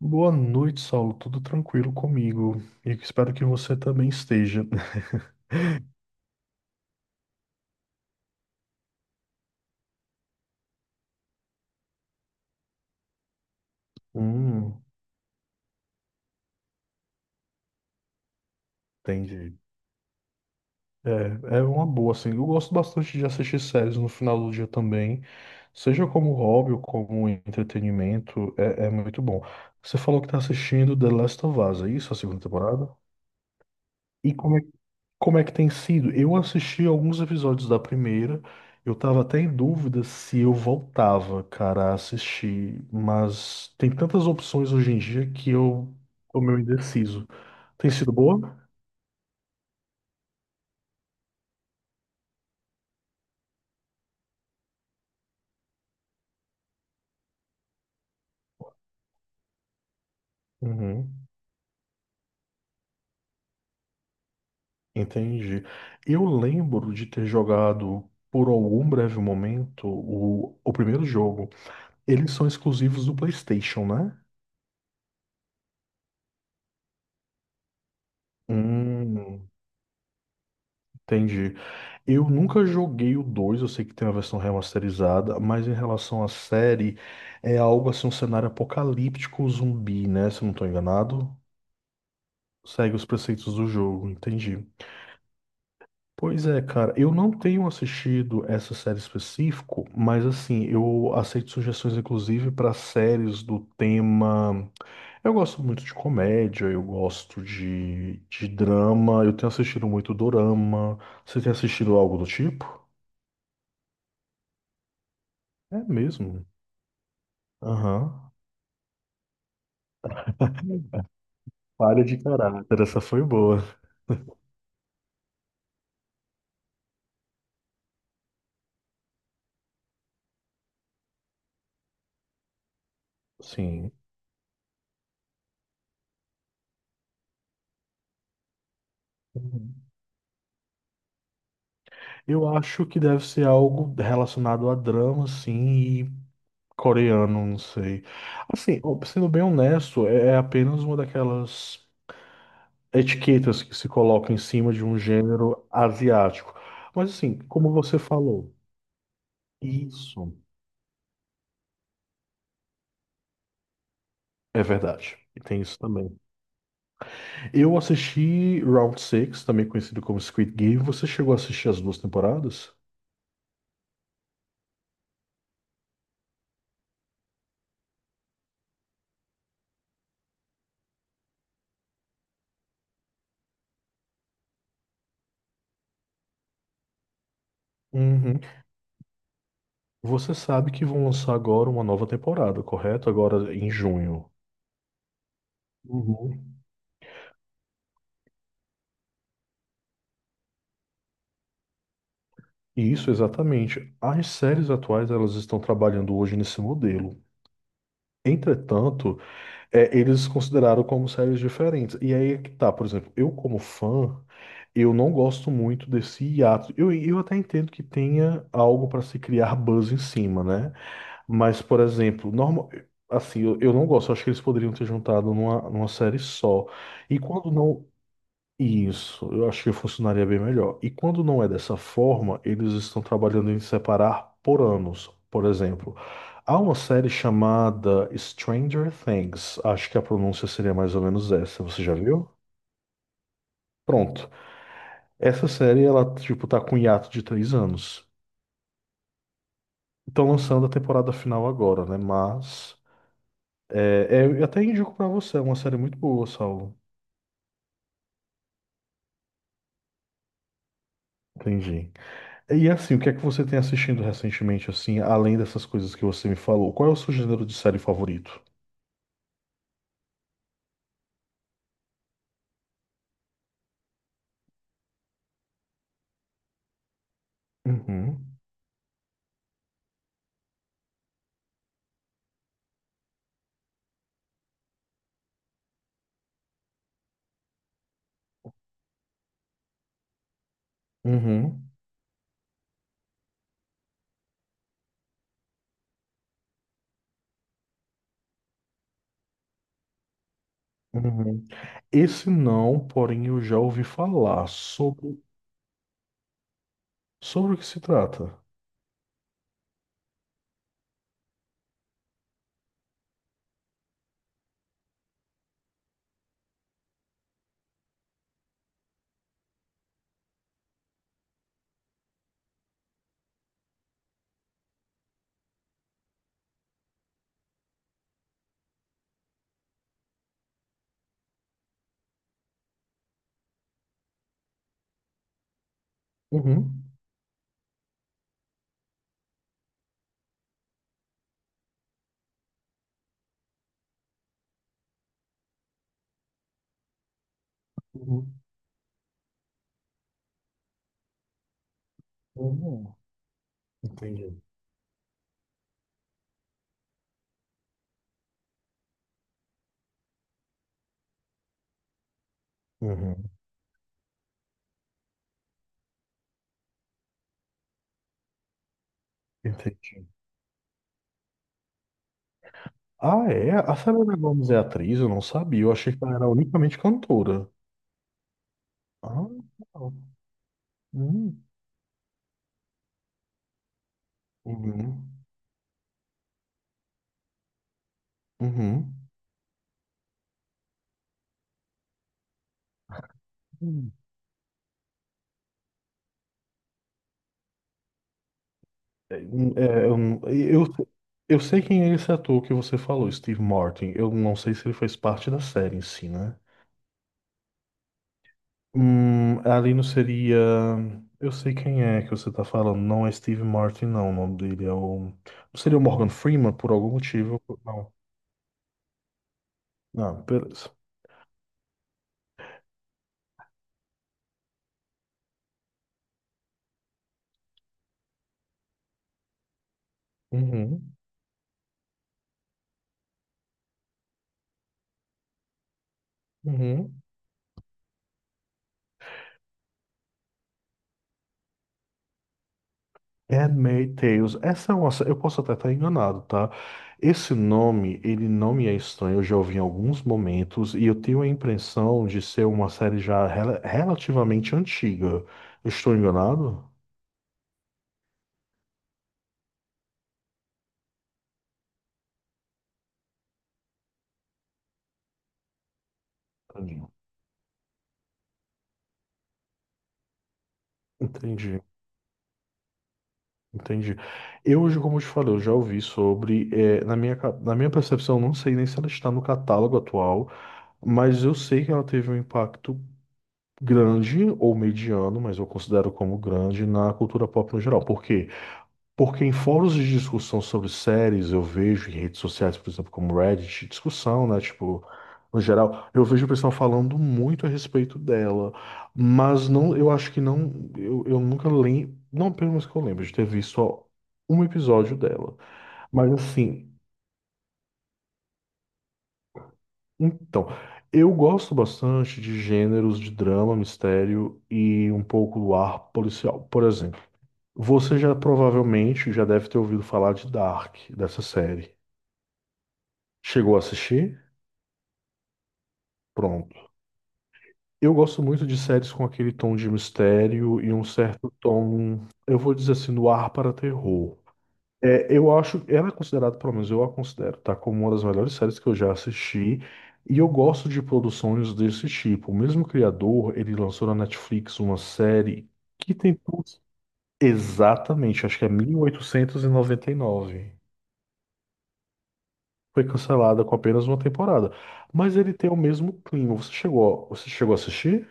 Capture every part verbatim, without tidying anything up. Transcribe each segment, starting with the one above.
Boa noite, Saulo. Tudo tranquilo comigo? E espero que você também esteja. Hum, entendi. É, é uma boa, assim. Eu gosto bastante de assistir séries no final do dia também, seja como hobby ou como entretenimento, é, é muito bom. Você falou que está assistindo The Last of Us, é isso, a segunda temporada? E como é Como é que tem sido? Eu assisti alguns episódios da primeira. Eu tava até em dúvida se eu voltava, cara, a assistir. Mas tem tantas opções hoje em dia que eu tô meio indeciso. Tem sido boa? Uhum, entendi. Eu lembro de ter jogado por algum breve momento o, o primeiro jogo. Eles são exclusivos do PlayStation, né? Hum, entendi. Eu nunca joguei o dois. Eu sei que tem uma versão remasterizada, mas em relação à série, é algo assim, um cenário apocalíptico zumbi, né? Se eu não tô enganado, segue os preceitos do jogo, entendi. Pois é, cara, eu não tenho assistido essa série específico, mas assim, eu aceito sugestões inclusive para séries do tema. Eu gosto muito de comédia, eu gosto de, de drama, eu tenho assistido muito dorama. Você tem assistido algo do tipo? É mesmo. Aham. Falha de caráter, essa foi boa. Sim. Uhum. Eu acho que deve ser algo relacionado a drama, sim, e coreano, não sei. Assim, sendo bem honesto, é é apenas uma daquelas etiquetas que se coloca em cima de um gênero asiático. Mas assim, como você falou, isso é verdade. E tem isso também. Eu assisti Round Six, também conhecido como Squid Game. Você chegou a assistir as duas temporadas? Uhum. Você sabe que vão lançar agora uma nova temporada, correto? Agora em junho. Uhum. Isso, exatamente. As séries atuais, elas estão trabalhando hoje nesse modelo. Entretanto, é, eles consideraram como séries diferentes. E aí é que tá, por exemplo, eu como fã, eu não gosto muito desse hiato. Eu, eu até entendo que tenha algo para se criar buzz em cima, né? Mas, por exemplo, normal, assim, eu, eu não gosto. Eu acho que eles poderiam ter juntado numa, numa série só. E quando não, isso, eu acho que funcionaria bem melhor. E quando não é dessa forma, eles estão trabalhando em separar por anos. Por exemplo, há uma série chamada Stranger Things. Acho que a pronúncia seria mais ou menos essa. Você já viu? Pronto. Essa série, ela, tipo, tá com um hiato de três anos. Estão lançando a temporada final agora, né? Mas, é, é, eu até indico pra você, é uma série muito boa, Saulo. Entendi. E assim, o que é que você tem assistindo recentemente, assim, além dessas coisas que você me falou? Qual é o seu gênero de série favorito? Uhum, uhum, uhum. Esse não, porém eu já ouvi falar sobre, sobre o que se trata. Uhum, uhum, uhum. Entendi. Uhum, entendi. Ah, é? A Selena Gomez é atriz? Eu não sabia. Eu achei que ela era unicamente cantora. Ah, legal. Hum, uhum, uhum. É, eu, eu, eu sei quem é esse ator que você falou, Steve Martin. Eu não sei se ele fez parte da série em si, né? Hum, ali não seria. Eu sei quem é que você tá falando. Não é Steve Martin, não. O nome dele é o. Não seria o Morgan Freeman por algum motivo? Não. Ah, beleza. Uhum, uhum. Handmaid's Tales. Essa é uma, sé- Eu posso até estar enganado, tá? Esse nome, ele não me é estranho, eu já ouvi em alguns momentos e eu tenho a impressão de ser uma série já rela- relativamente antiga. Eu estou enganado? Entendi, entendi. Entendi. Eu, hoje, como eu te falei, eu já ouvi sobre. Eh, na minha, ca- na minha percepção, não sei nem se ela está no catálogo atual, mas eu sei que ela teve um impacto grande ou mediano, mas eu considero como grande na cultura pop no geral. Por quê? Porque em fóruns de discussão sobre séries, eu vejo em redes sociais, por exemplo, como Reddit, discussão, né? Tipo, no geral, eu vejo o pessoal falando muito a respeito dela. Mas não, eu acho que não, eu, eu nunca lembro, não pelo menos que eu lembro, de ter visto só um episódio dela. Mas assim, então, eu gosto bastante de gêneros de drama, mistério e um pouco do ar policial. Por exemplo, você já provavelmente já deve ter ouvido falar de Dark, dessa série. Chegou a assistir? Pronto. Eu gosto muito de séries com aquele tom de mistério e um certo tom, eu vou dizer assim, no ar para terror. É, eu acho, ela é considerada, pelo menos eu a considero, tá? Como uma das melhores séries que eu já assisti. E eu gosto de produções desse tipo. O mesmo criador, ele lançou na Netflix uma série que tem tudo. Exatamente, acho que é mil oitocentos e e noventa e nove. Foi cancelada com apenas uma temporada. Mas ele tem o mesmo clima. Você chegou, você chegou a assistir?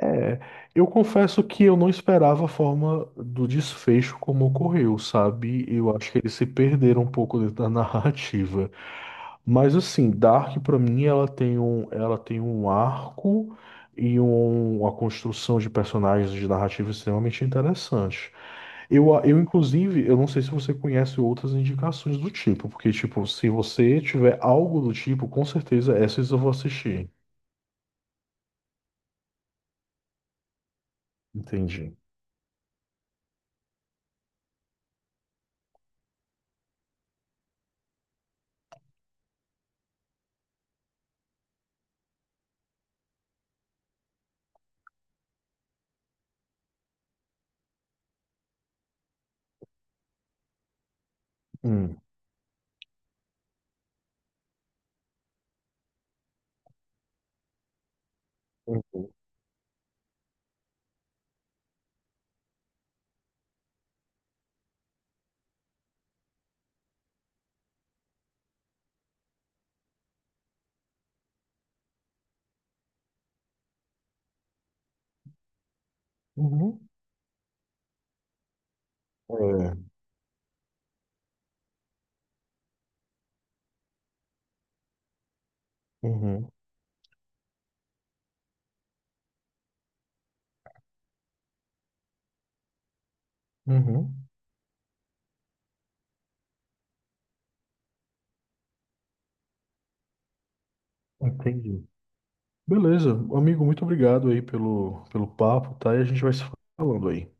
É, eu confesso que eu não esperava a forma do desfecho como ocorreu, sabe? Eu acho que eles se perderam um pouco dentro da narrativa. Mas assim, Dark pra mim ela tem um, ela tem um arco e um- uma construção de personagens de narrativa extremamente interessante. Eu, a- eu inclusive, eu não sei se você conhece outras indicações do tipo, porque tipo, se você tiver algo do tipo, com certeza essas eu vou assistir. Entendi. Hum. Uhum. Uhum. É. Uhum, uhum, entendi. Beleza, amigo, muito obrigado aí pelo, pelo papo, tá? E a gente vai se falando aí.